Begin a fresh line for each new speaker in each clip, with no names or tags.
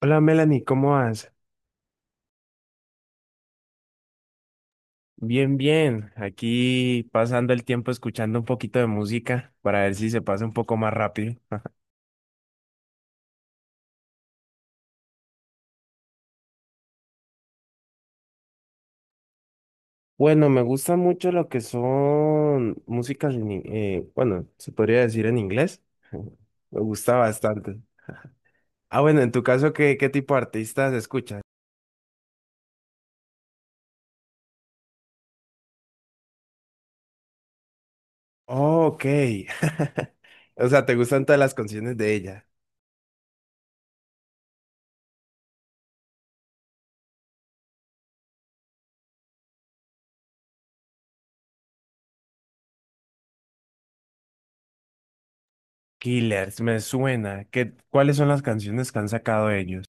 Hola Melanie, ¿cómo vas? Bien, bien. Aquí pasando el tiempo escuchando un poquito de música para ver si se pasa un poco más rápido. Bueno, me gusta mucho lo que son músicas, bueno, se podría decir en inglés. Me gusta bastante. Ah, bueno, en tu caso, ¿qué tipo de artistas escuchas? Oh, ok. O sea, ¿te gustan todas las canciones de ella? Killers, me suena. ¿Cuáles son las canciones que han sacado ellos?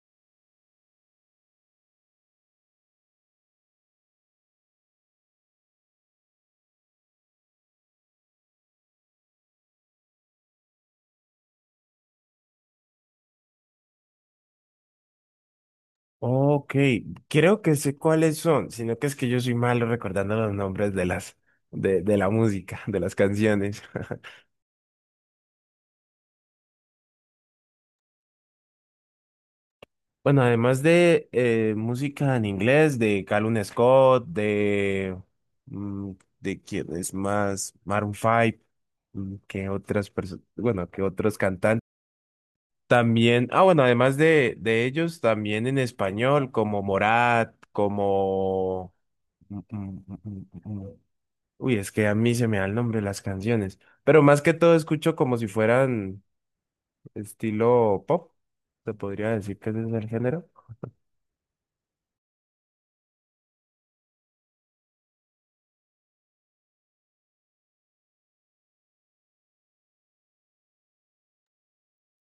Ok, creo que sé cuáles son, sino que es que yo soy malo recordando los nombres de las de la música, de las canciones. Bueno, además de música en inglés, de Calum Scott, de mm, de quién es más, Maroon 5, que otras personas, bueno, que otros cantantes. También, ah, bueno, además de ellos, también en español, como Morat, como mm, mm, mm, mm, mm, uy, es que a mí se me da el nombre de las canciones, pero más que todo escucho como si fueran estilo pop, se podría decir que ese es el género.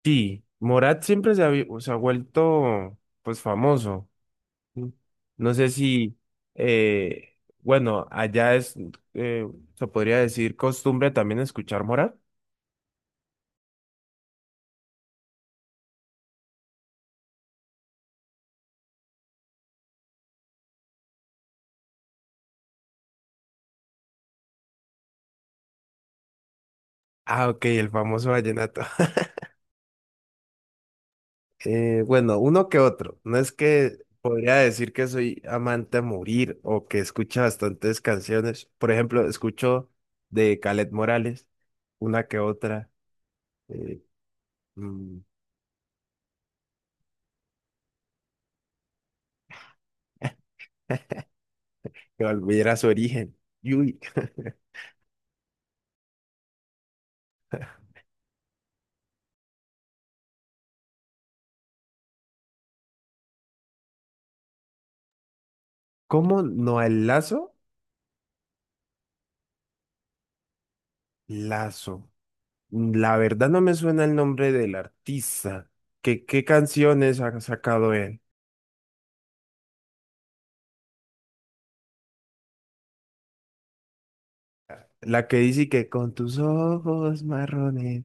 Sí, Morat siempre se ha vuelto pues famoso. ¿Sí? No sé si, bueno, allá es, eh, se podría decir costumbre también escuchar Morat. Ah, ok, el famoso vallenato. Bueno, uno que otro. No es que podría decir que soy amante a morir o que escucha bastantes canciones. Por ejemplo, escucho de Calet Morales, una que otra, eh, mm, que volviera a su origen. Y uy, ¿cómo no el Lazo? Lazo. La verdad no me suena el nombre del artista. ¿Qué canciones ha sacado él? La que dice que con tus ojos marrones.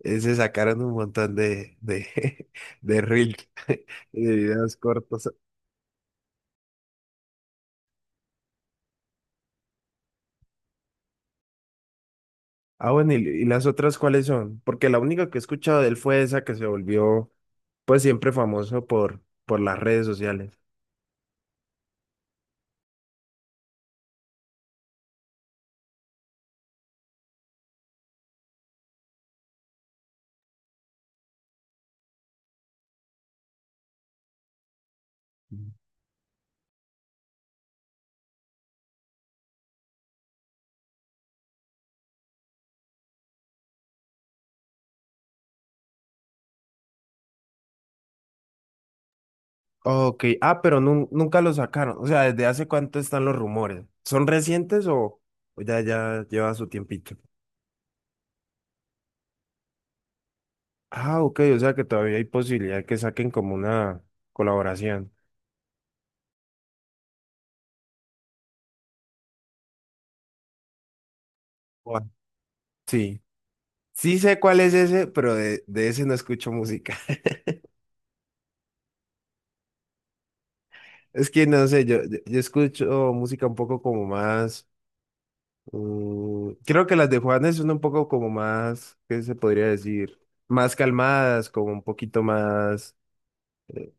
Eh, se sacaron un montón de de reels, de videos cortos. Ah, bueno, ¿y las otras cuáles son? Porque la única que he escuchado de él fue esa que se volvió, pues siempre famoso por las redes sociales. Ok, ah, pero nunca lo sacaron. O sea, ¿desde hace cuánto están los rumores? ¿Son recientes o ya lleva su tiempito? Ah, ok, o sea que todavía hay posibilidad que saquen como una colaboración. Guau. Sí, sí sé cuál es ese, pero de ese no escucho música. Es que no sé, yo escucho música un poco como más. Mm, creo que las de Juanes son un poco como más, ¿qué se podría decir? Más calmadas, como un poquito más. eh,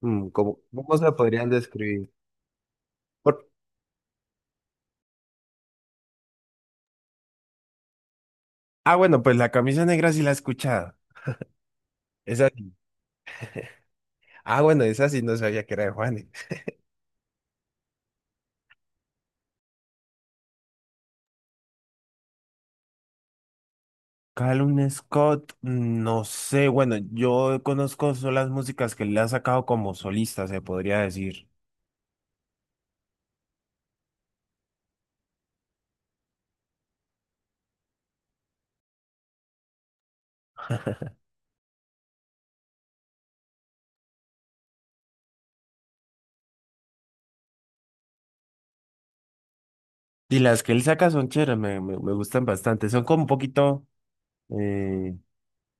como, ¿cómo se la podrían describir? Por- ah, bueno, pues la camisa negra sí la he escuchado. Esa sí. Ah, bueno, esa sí no sabía que era de Juanes. Calum Scott, mm, no sé, bueno, yo conozco solo las músicas que le ha sacado como solista, se podría decir. Y las que él saca son chéveres, me gustan bastante. Son como un poquito, eh,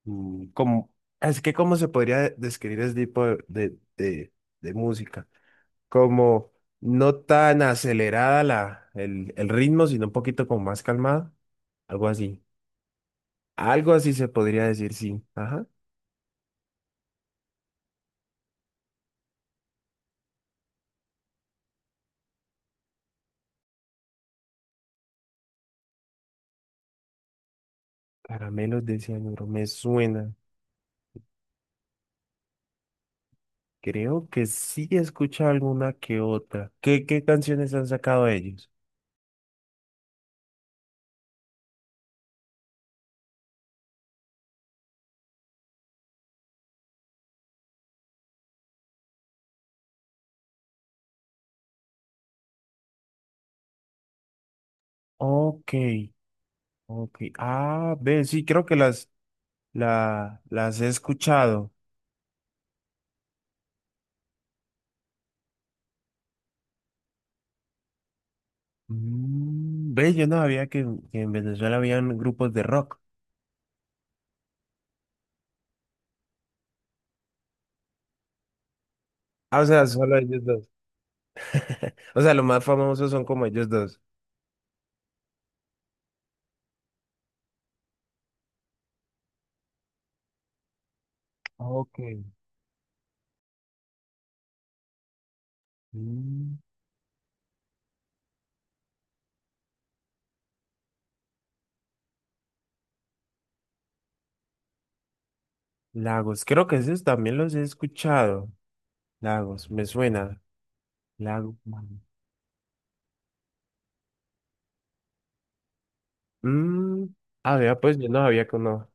como, es que cómo se podría describir ese tipo de música. Como no tan acelerada el ritmo, sino un poquito como más calmado. Algo así. Algo así se podría decir, sí. Ajá. Caramelos de cianuro, me suena. Creo que sí he escuchado alguna que otra. ¿Qué canciones han sacado ellos? Ok. Ok. Ah, ve, sí, creo que las he escuchado. Mm, ve, yo no sabía que en Venezuela habían grupos de rock. Ah, o sea, solo ellos dos. O sea, los más famosos son como ellos dos. Ok. Mm, Lagos, creo que esos también los he escuchado. Lagos, me suena. Lagos. Mm, ah, vea, pues yo no sabía que uno,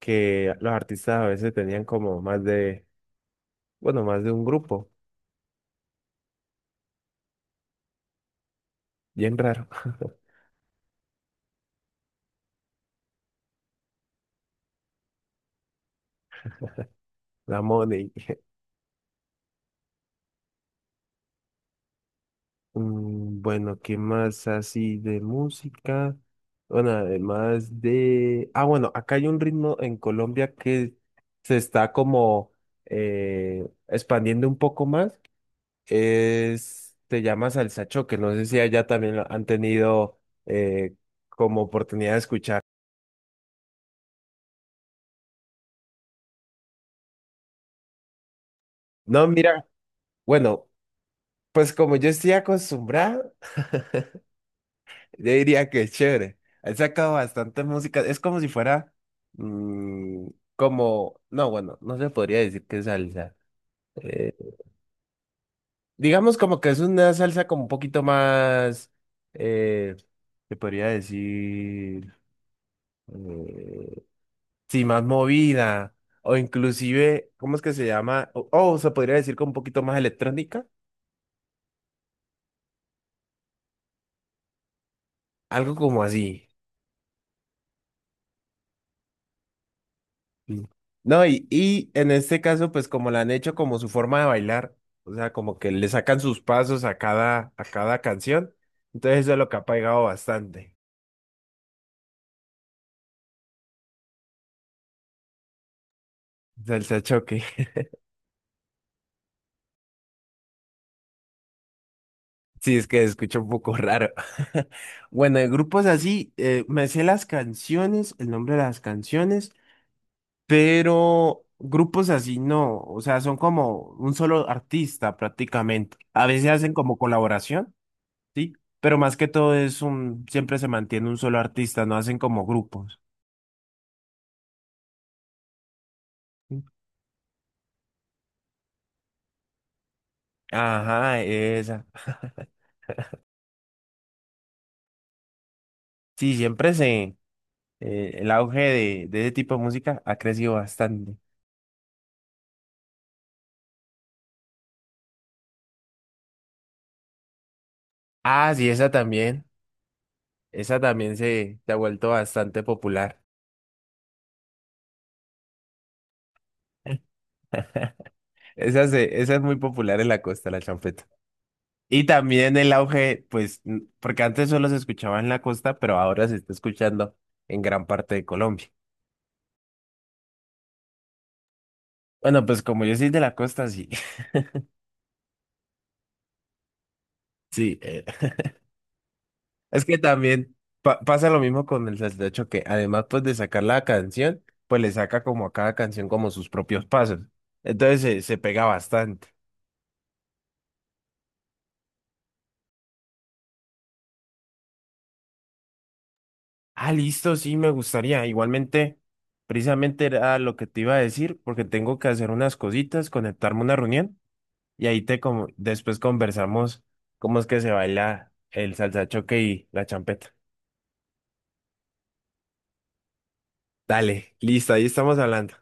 que los artistas a veces tenían como más bueno, más de un grupo. Bien raro. La Money. Mm, bueno, ¿qué más así de música? Bueno, además de... Ah, bueno, acá hay un ritmo en Colombia que se está como expandiendo un poco más. Es... Se llama salsa choque. No sé si allá también lo han tenido eh, como oportunidad de escuchar. No, mira, bueno, pues como yo estoy acostumbrado. Yo diría que es chévere. Él sacado bastantes músicas. Es como si fuera, mm, como, no, bueno, no se podría decir que es salsa. Eh, digamos como que es una salsa como un poquito más, eh, se podría decir, eh, sí, más movida. O inclusive, ¿cómo es que se llama? O se podría decir como un poquito más electrónica. Algo como así. Sí. No, y en este caso, pues como la han hecho como su forma de bailar, o sea, como que le sacan sus pasos a a cada canción, entonces eso es lo que ha pegado bastante. Salsa choque. Sí, es que se escucha un poco raro. Bueno, de grupos así, me sé las canciones, el nombre de las canciones, pero grupos así no, o sea, son como un solo artista prácticamente. A veces hacen como colaboración. Sí, pero más que todo es un, siempre se mantiene un solo artista, no hacen como grupos. Sí. Ajá, esa. Sí, siempre se, el auge de ese tipo de música ha crecido bastante. Ah, sí, esa también se ha vuelto bastante popular. Esa es muy popular en la costa, la champeta. Y también el auge, pues, porque antes solo se escuchaba en la costa, pero ahora se está escuchando en gran parte de Colombia. Bueno, pues como yo soy de la costa, sí. Sí, es que también pasa lo mismo con el saltecho que además pues de sacar la canción, pues le saca como a cada canción como sus propios pasos. Entonces se pega bastante. Ah, listo, sí, me gustaría. Igualmente, precisamente era lo que te iba a decir, porque tengo que hacer unas cositas, conectarme a una reunión y ahí te como después conversamos cómo es que se baila el salsa choque y la champeta. Dale, listo, ahí estamos hablando.